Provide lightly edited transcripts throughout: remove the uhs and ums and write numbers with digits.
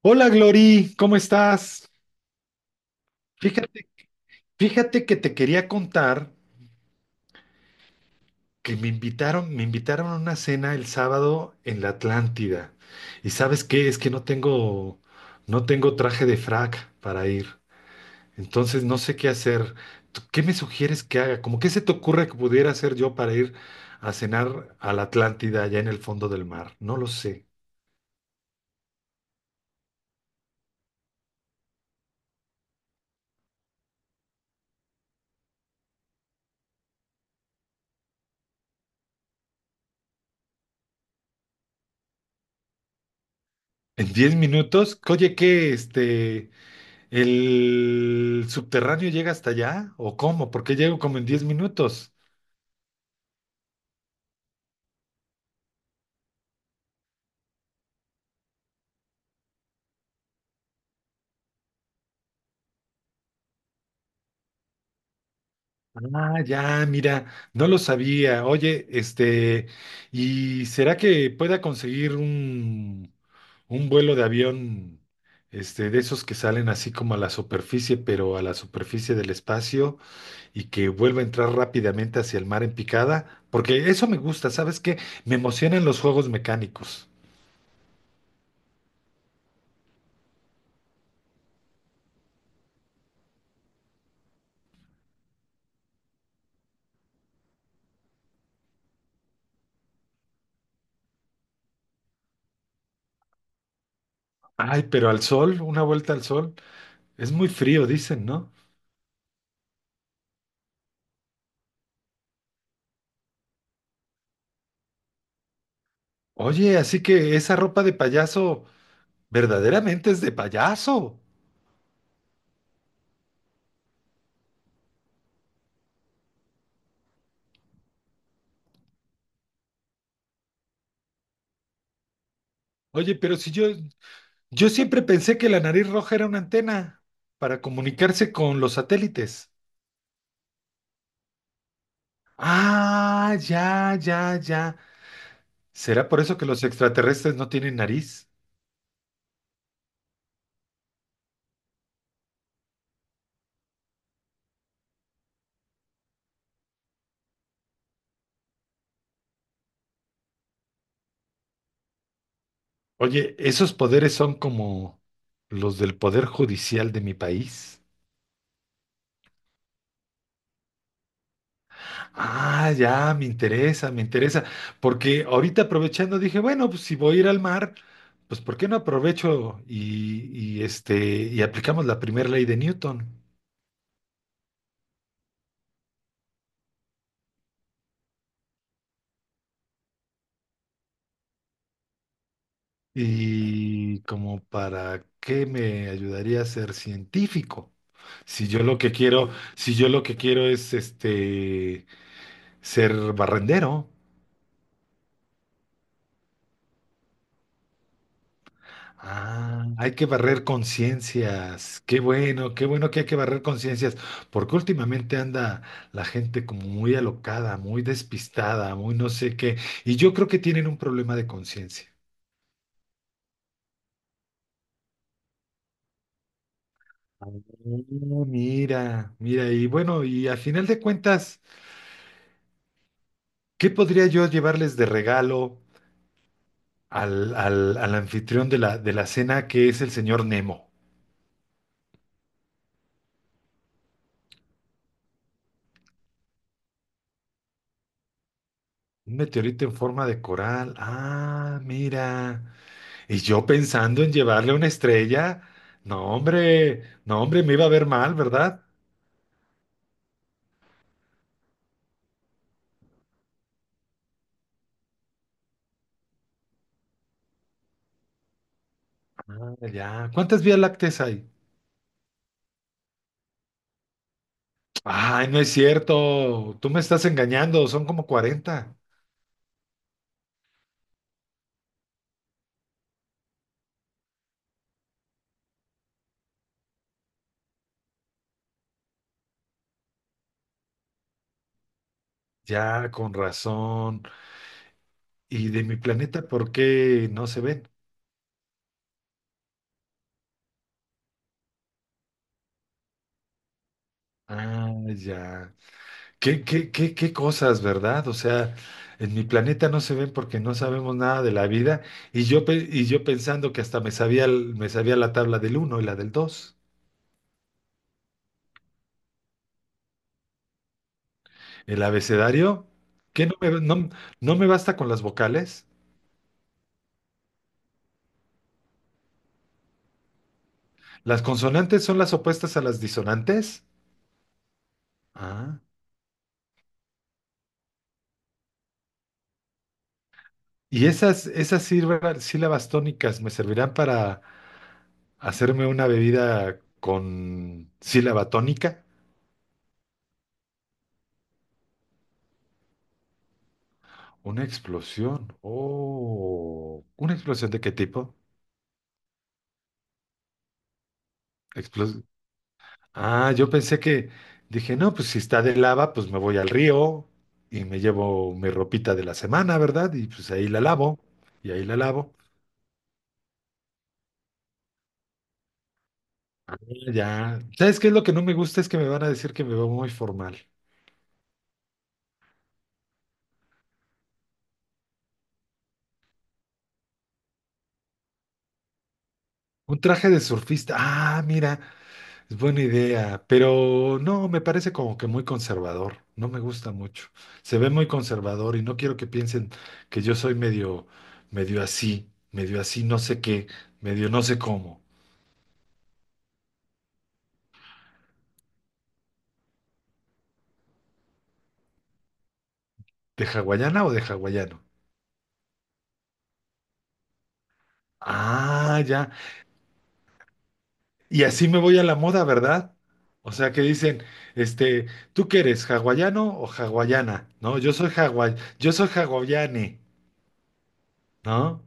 Hola Glory, ¿cómo estás? Fíjate, fíjate que te quería contar que me invitaron a una cena el sábado en la Atlántida. ¿Y sabes qué? Es que no tengo traje de frac para ir. Entonces no sé qué hacer. ¿Tú ¿Qué me sugieres que haga? ¿Cómo qué se te ocurre que pudiera hacer yo para ir a cenar a la Atlántida allá en el fondo del mar? No lo sé. En 10 minutos, oye, ¿qué este? ¿El subterráneo llega hasta allá? ¿O cómo? Porque llego como en 10 minutos. Ah, ya, mira, no lo sabía. Oye, este, ¿y será que pueda conseguir un vuelo de avión, este, de esos que salen así como a la superficie, pero a la superficie del espacio y que vuelva a entrar rápidamente hacia el mar en picada? Porque eso me gusta, ¿sabes qué? Me emocionan los juegos mecánicos. Ay, pero al sol, una vuelta al sol. Es muy frío, dicen, ¿no? Oye, así que esa ropa de payaso verdaderamente es de payaso. Oye, pero si yo, yo siempre pensé que la nariz roja era una antena para comunicarse con los satélites. Ah, ya, ya, ya. ¿Será por eso que los extraterrestres no tienen nariz? Oye, esos poderes son como los del poder judicial de mi país. Ah, ya, me interesa, porque ahorita aprovechando dije, bueno, pues si voy a ir al mar, pues ¿por qué no aprovecho y aplicamos la primera ley de Newton? ¿Y como para qué me ayudaría a ser científico? Si yo lo que quiero, si yo lo que quiero es este ser barrendero. Ah, hay que barrer conciencias. Qué bueno que hay que barrer conciencias, porque últimamente anda la gente como muy alocada, muy despistada, muy no sé qué, y yo creo que tienen un problema de conciencia. Ah, mira, mira, y bueno, y a final de cuentas, ¿qué podría yo llevarles de regalo al anfitrión de la cena, que es el señor Nemo? Un meteorito en forma de coral. Ah, mira. Y yo pensando en llevarle una estrella, no hombre, no hombre, me iba a ver mal, ¿verdad? Ya, ¿cuántas vías lácteas hay? Ay, no es cierto, tú me estás engañando, son como 40. Ya, con razón. ¿Y de mi planeta por qué no se ven? Ah, ya. ¿Qué cosas, verdad? O sea, en mi planeta no se ven porque no sabemos nada de la vida y yo, yo pensando que hasta me sabía, me sabía la tabla del uno y la del dos. El abecedario, ¿qué no me, no, no me basta con las vocales? ¿Las consonantes son las opuestas a las disonantes? Ah. Y esas sílabas tónicas me servirán para hacerme una bebida con sílaba tónica. Una explosión. Oh, ¿una explosión de qué tipo? Explos- ah, yo pensé que dije, no, pues si está de lava, pues me voy al río y me llevo mi ropita de la semana, ¿verdad? Y pues ahí la lavo, y ahí la lavo. Ya. ¿Sabes qué es lo que no me gusta? Es que me van a decir que me veo muy formal. Un traje de surfista. Ah, mira, es buena idea. Pero no, me parece como que muy conservador. No me gusta mucho. Se ve muy conservador y no quiero que piensen que yo soy medio, medio así, no sé qué, medio no sé cómo. ¿De hawaiana o de hawaiano? Ah, ya. Y así me voy a la moda, ¿verdad? O sea, que dicen, este, ¿tú qué eres, hawaiano o hawaiana? No, yo soy hawai, yo soy hawaiane, ¿no?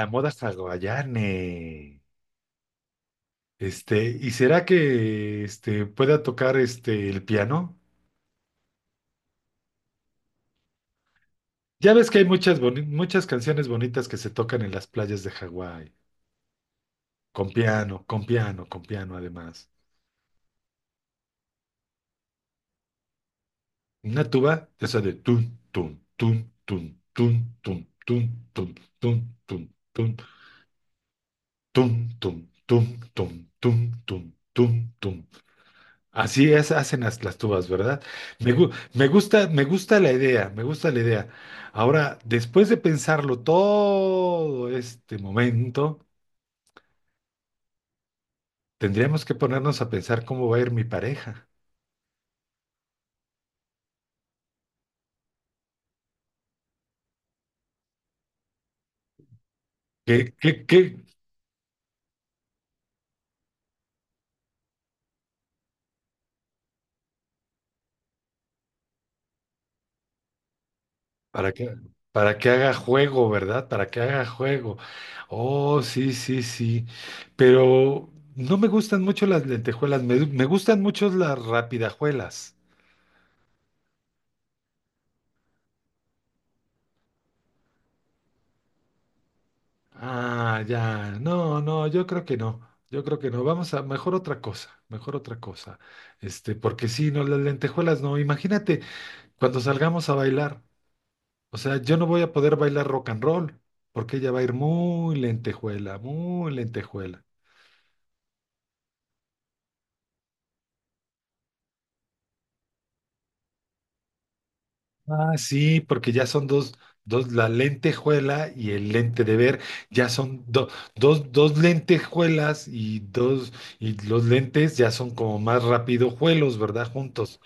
La moda hawaiane. Este, ¿y será que este pueda tocar este el piano? Ya ves que hay muchas muchas canciones bonitas que se tocan en las playas de Hawái, con piano, con piano, con piano además. Una tuba, esa de tun tun tun tun tun tun tun tun tun tun tun tun. Tum, tum, tum, tum, tum, tum, tum, tum. Así es, hacen las tubas, ¿verdad? Me gusta, me gusta la idea, me gusta la idea. Ahora, después de pensarlo todo este momento, tendríamos que ponernos a pensar cómo va a ir mi pareja. ¿Qué? Para que, para que haga juego, ¿verdad? Para que haga juego. Oh, sí, sí, sí. Pero no me gustan mucho las lentejuelas, me gustan mucho las rapidajuelas. Ah, ya. No, no, yo creo que no. Yo creo que no. Vamos a mejor otra cosa, mejor otra cosa. Este, porque sí, no, las lentejuelas no. Imagínate cuando salgamos a bailar. O sea, yo no voy a poder bailar rock and roll, porque ella va a ir muy lentejuela, muy lentejuela. Ah, sí, porque ya son dos, la lentejuela y el lente de ver, ya son dos lentejuelas y los lentes ya son como más rápido juelos, ¿verdad? Juntos.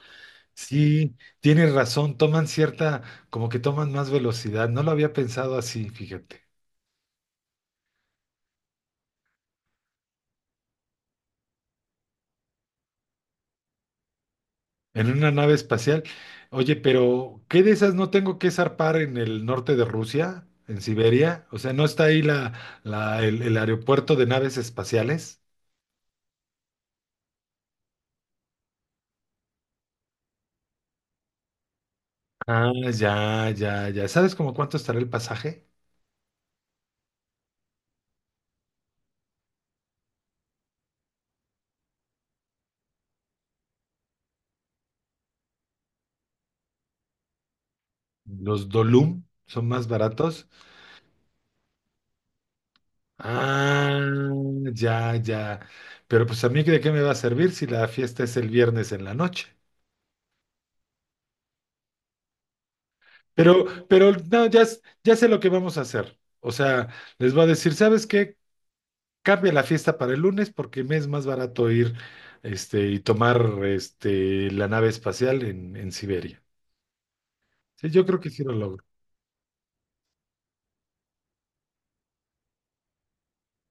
Sí, tienes razón, toman cierta, como que toman más velocidad. No lo había pensado así, fíjate. En una nave espacial. Oye, pero ¿qué de esas no tengo que zarpar en el norte de Rusia, en Siberia? O sea, ¿no está ahí el aeropuerto de naves espaciales? Ah, ya, ya, ya. ¿Sabes como cuánto estará el pasaje? Los Dolum son más baratos. Ah, ya, ya. Pero pues a mí, ¿de qué me va a servir si la fiesta es el viernes en la noche? Pero no, ya, ya sé lo que vamos a hacer. O sea, les va a decir, ¿sabes qué? Cambia la fiesta para el lunes porque me es más barato ir, este, y tomar este, la nave espacial en Siberia. Sí, yo creo que sí lo logro.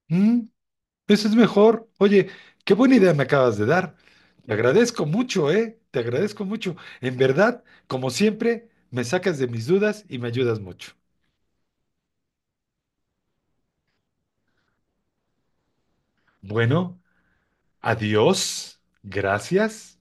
Mm, eso es mejor. Oye, qué buena idea me acabas de dar. Te agradezco mucho, ¿eh? Te agradezco mucho. En verdad, como siempre, me sacas de mis dudas y me ayudas mucho. Bueno, adiós. Gracias.